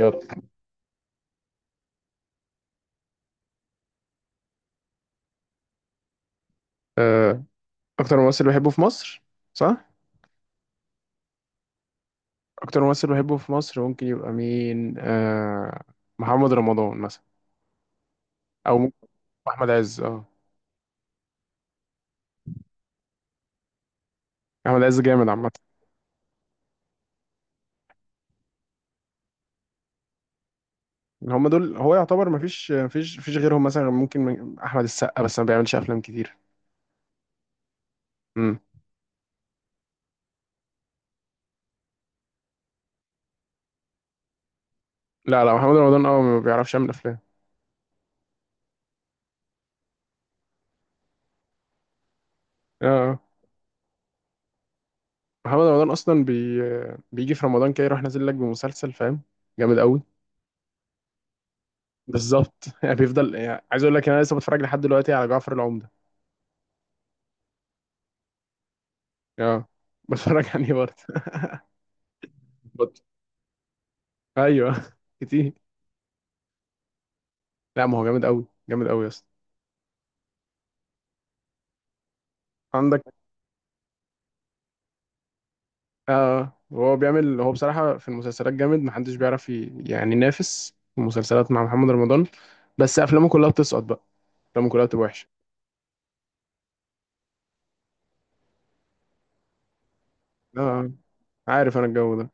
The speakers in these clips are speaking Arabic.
يلا. آه، اكتر ممثل بحبه في مصر، صح. اكتر ممثل بحبه في مصر ممكن يبقى مين؟ محمد رمضان مثلا، او ممكن احمد عز. اه احمد عز جامد عامه. هم دول، هو يعتبر مفيش غيرهم. مثلا ممكن احمد السقا، بس ما بيعملش افلام كتير. امم لا لا، محمد رمضان ما بيعرفش يعمل افلام. اه آه. محمد رمضان اصلا بيجي في رمضان كده يروح نازل لك بمسلسل، فاهم؟ جامد قوي. بالظبط. يعني بيفضل، يعني عايز اقول لك، انا لسه بتفرج لحد دلوقتي على جعفر العمدة. اه بتفرج عليه برضه. بط- ايوه، كتير. لا ما هو جامد قوي، جامد قوي يا اسطى. عندك اه هو بيعمل، هو بصراحه في المسلسلات جامد، محدش بيعرف يعني ينافس في المسلسلات مع محمد رمضان. بس افلامه كلها بتسقط بقى، افلامه كلها بتبقى وحشه. اه عارف انا الجو ده.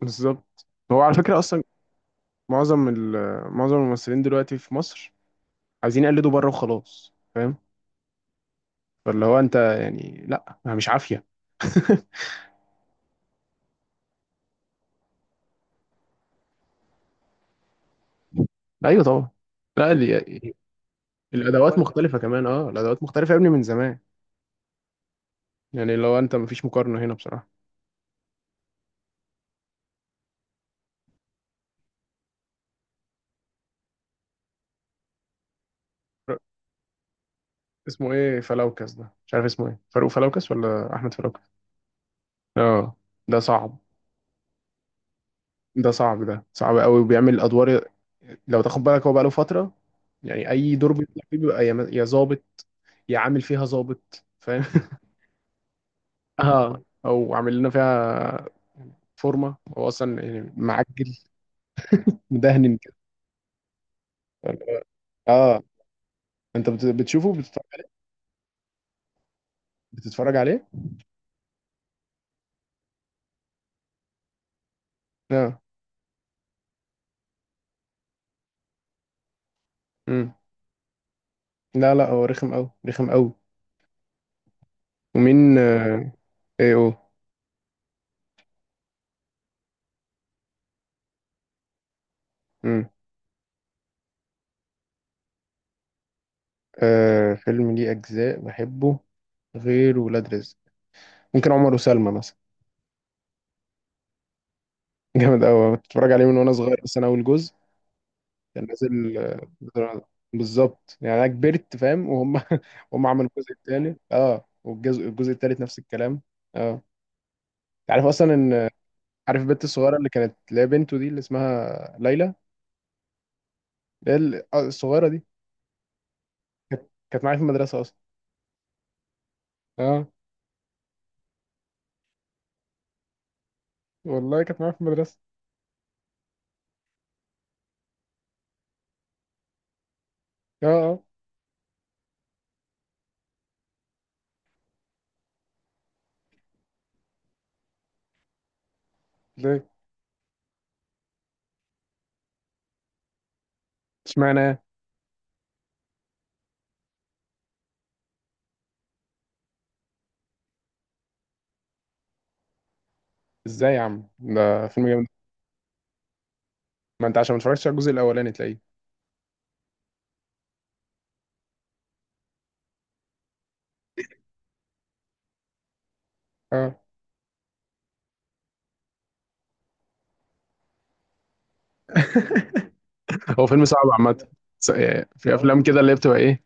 بالظبط. هو على فكره اصلا معظم الممثلين دلوقتي في مصر عايزين يقلدوا بره وخلاص، فاهم؟ فاللي هو انت يعني لا، مش عافيه. ايوه طبعا. لا دي، الادوات مختلفه كمان، الادوات مختلفه يا ابني من زمان. يعني لو انت، مفيش مقارنه هنا بصراحه. ر- اسمه ايه، فلوكس ده؟ مش عارف اسمه ايه، فاروق فلوكس ولا احمد فلوكس؟ اه ده صعب، ده صعب، ده صعب قوي. وبيعمل ادوار، لو تاخد بالك هو بقاله فتره، يعني اي دور بيطلع فيه بيبقى يا ظابط، يا عامل فيها ظابط، فاهم؟ اه او عامل لنا فيها فورمه، هو اصلا يعني معجل، مدهن كده. اه انت بتشوفه، بتتفرج، بتتفرج عليه؟ اه امم لا لا، هو رخم قوي، رخم قوي. ومين؟ ايه او؟ امم آه، فيلم ليه اجزاء بحبه غير ولاد رزق؟ ممكن عمر وسلمى مثلا. جامد قوي. كنت بتفرج عليه من وانا صغير، بس انا اول جزء كان نازل. بالظبط، يعني انا كبرت فاهم، وهم هم عملوا الجزء الثالث. اه والجزء، الثالث نفس الكلام. اه انت عارف اصلا ان، عارف البنت الصغيره اللي كانت، اللي هي بنته دي اللي اسمها ليلى، اللي هي الصغيره دي، كانت معايا في المدرسه اصلا. اه والله كانت معايا في المدرسه. اه اه ليه؟ اشمعنى؟ ازاي يا عم، ده فيلم جامد. ما انت عشان ما اتفرجتش على الجزء الاولاني تلاقيه. اه هو فيلم صعب عامه. يعني في افلام كده اللي هي بتبقى ايه،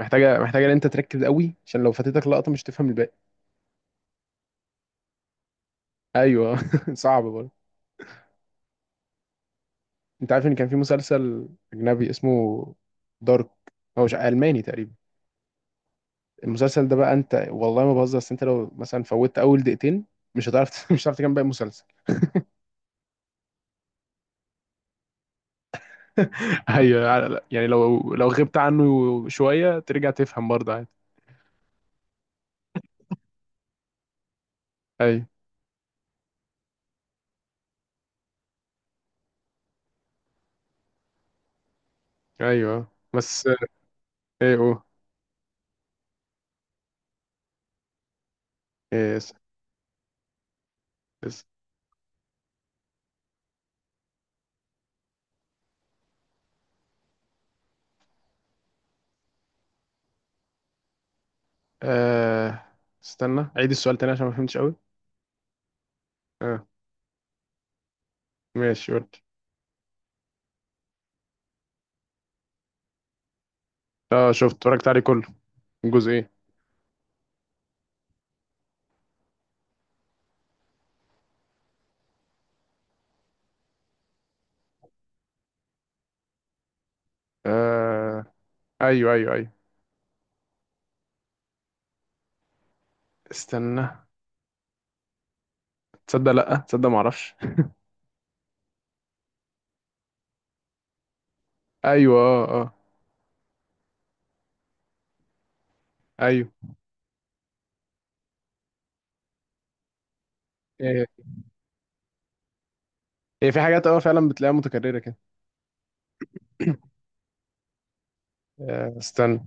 محتاجه، محتاجه ان انت تركز قوي، عشان لو فاتتك لقطه مش تفهم الباقي. ايوه. صعب برضه. انت عارف ان كان في مسلسل اجنبي اسمه دارك؟ هو مش الماني تقريبا. المسلسل ده بقى، انت والله ما بهزر، بس انت لو مثلا فوتت اول دقيقتين مش هتعرف مش هتعرف تكمل باقي المسلسل. ايوه، يعني لو لو غبت عنه شويه ترجع تفهم برضه عادي. ايوه. ايوه، بس ايه او؟ ايه اس؟ اس؟ آه استنى، عيد السؤال تاني عشان ما فهمتش قوي. اه ماشي، قول. اه شفت، اتفرجت عليه كله. الجزء ايه؟ آه، ايوه ايوه ايوه. استنى، تصدق لا تصدق ما اعرفش. ايوه، اه اه. ايوه. ايه، هي في حاجات فعلا بتلاقيها متكرره كده. استنى.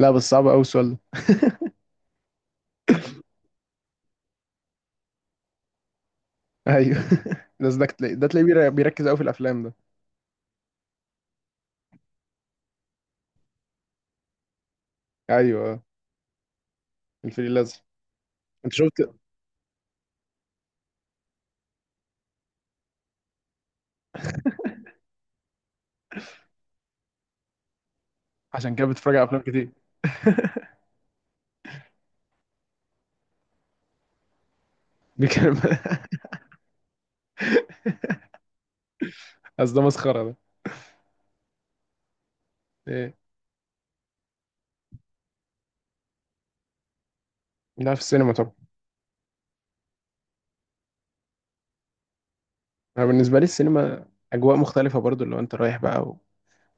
لا بس صعب قوي السؤال ده. ايوه. ده تلاقيه بيركز قوي في الافلام ده. ايوه. الفيل الازرق. انت شفت؟ عشان كده بتتفرج على افلام كتير. بيتكلم. اصل ده مسخره، ده. ايه؟ لا في السينما طبعا. انا بالنسبه لي السينما اجواء مختلفه برضو، لو انت رايح بقى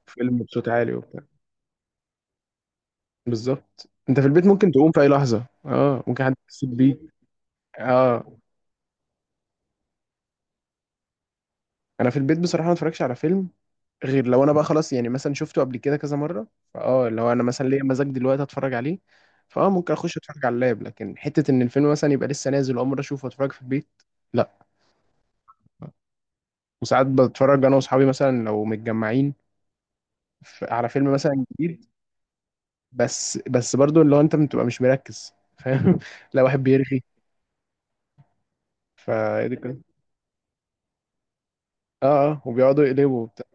وفيلم بصوت عالي وبتاع. بالظبط، انت في البيت ممكن تقوم في اي لحظه، ممكن حد يتصل بيك. اه انا في البيت بصراحه ما اتفرجش على فيلم غير لو انا بقى خلاص، يعني مثلا شفته قبل كده كذا مره، فاه لو انا مثلا ليا مزاج دلوقتي اتفرج عليه، فاه ممكن اخش اتفرج على اللاب. لكن حته ان الفيلم مثلا يبقى لسه نازل اول مره اشوفه واتفرج في البيت، لا. وساعات بتفرج انا واصحابي، مثلا لو متجمعين، على فيلم مثلا جديد، بس، بس برضو اللي هو انت بتبقى مش مركز، فاهم؟ لا، واحد بيرغي ف إيه دي كده؟ اه اه، وبيقعدوا يقلبوا وبتاع.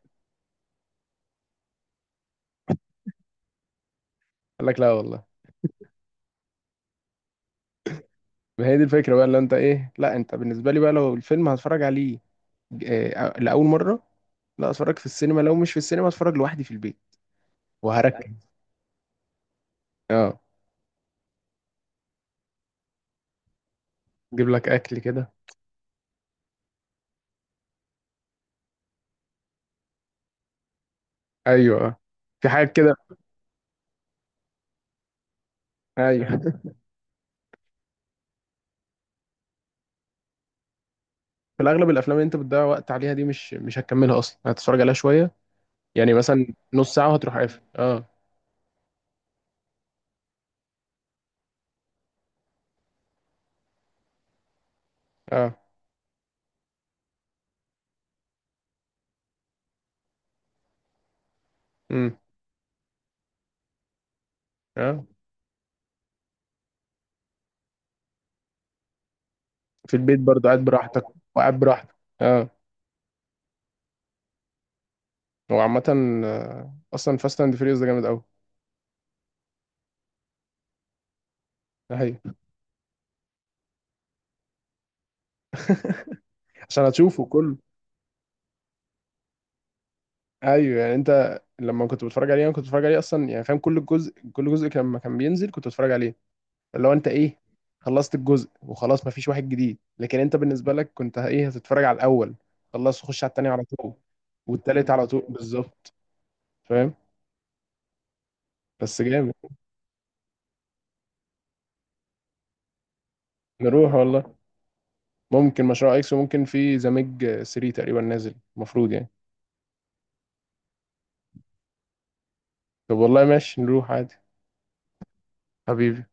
قال لك لا والله. ما هي دي الفكره بقى اللي انت، ايه؟ لا انت بالنسبه لي بقى، لو الفيلم هتفرج عليه لاول مره، لا اتفرج في السينما. لو مش في السينما، اتفرج لوحدي في البيت. وهركن. اه جيب لك اكل كده. ايوه. في حاجات كده. ايوه. في الاغلب الافلام اللي انت بتضيع وقت عليها دي، مش هتكملها اصلا، هتتفرج عليها شويه، يعني مثلا نص ساعة وهتروح قافل. اه اه امم اه في البيت برضه قاعد براحتك. وقاعد براحتك. اه. هو عامة أصلا فاست أند فيريوس ده جامد أوي. ده حقيقي. عشان هتشوفه كله. أيوه، يعني أنت لما كنت بتتفرج عليه أنا كنت بتفرج عليه أصلا، يعني فاهم، كل جزء، لما كان بينزل كنت بتفرج عليه. اللي هو أنت إيه، خلصت الجزء وخلاص مفيش واحد جديد. لكن أنت بالنسبة لك كنت إيه، هتتفرج على الأول، خلص خش على التاني على طول. والتالت على طول. بالظبط، فاهم. بس جامد. نروح والله. ممكن مشروع اكس، وممكن في ذا ميج 3 تقريبا نازل المفروض يعني. طب والله ماشي، نروح عادي. حبيبي.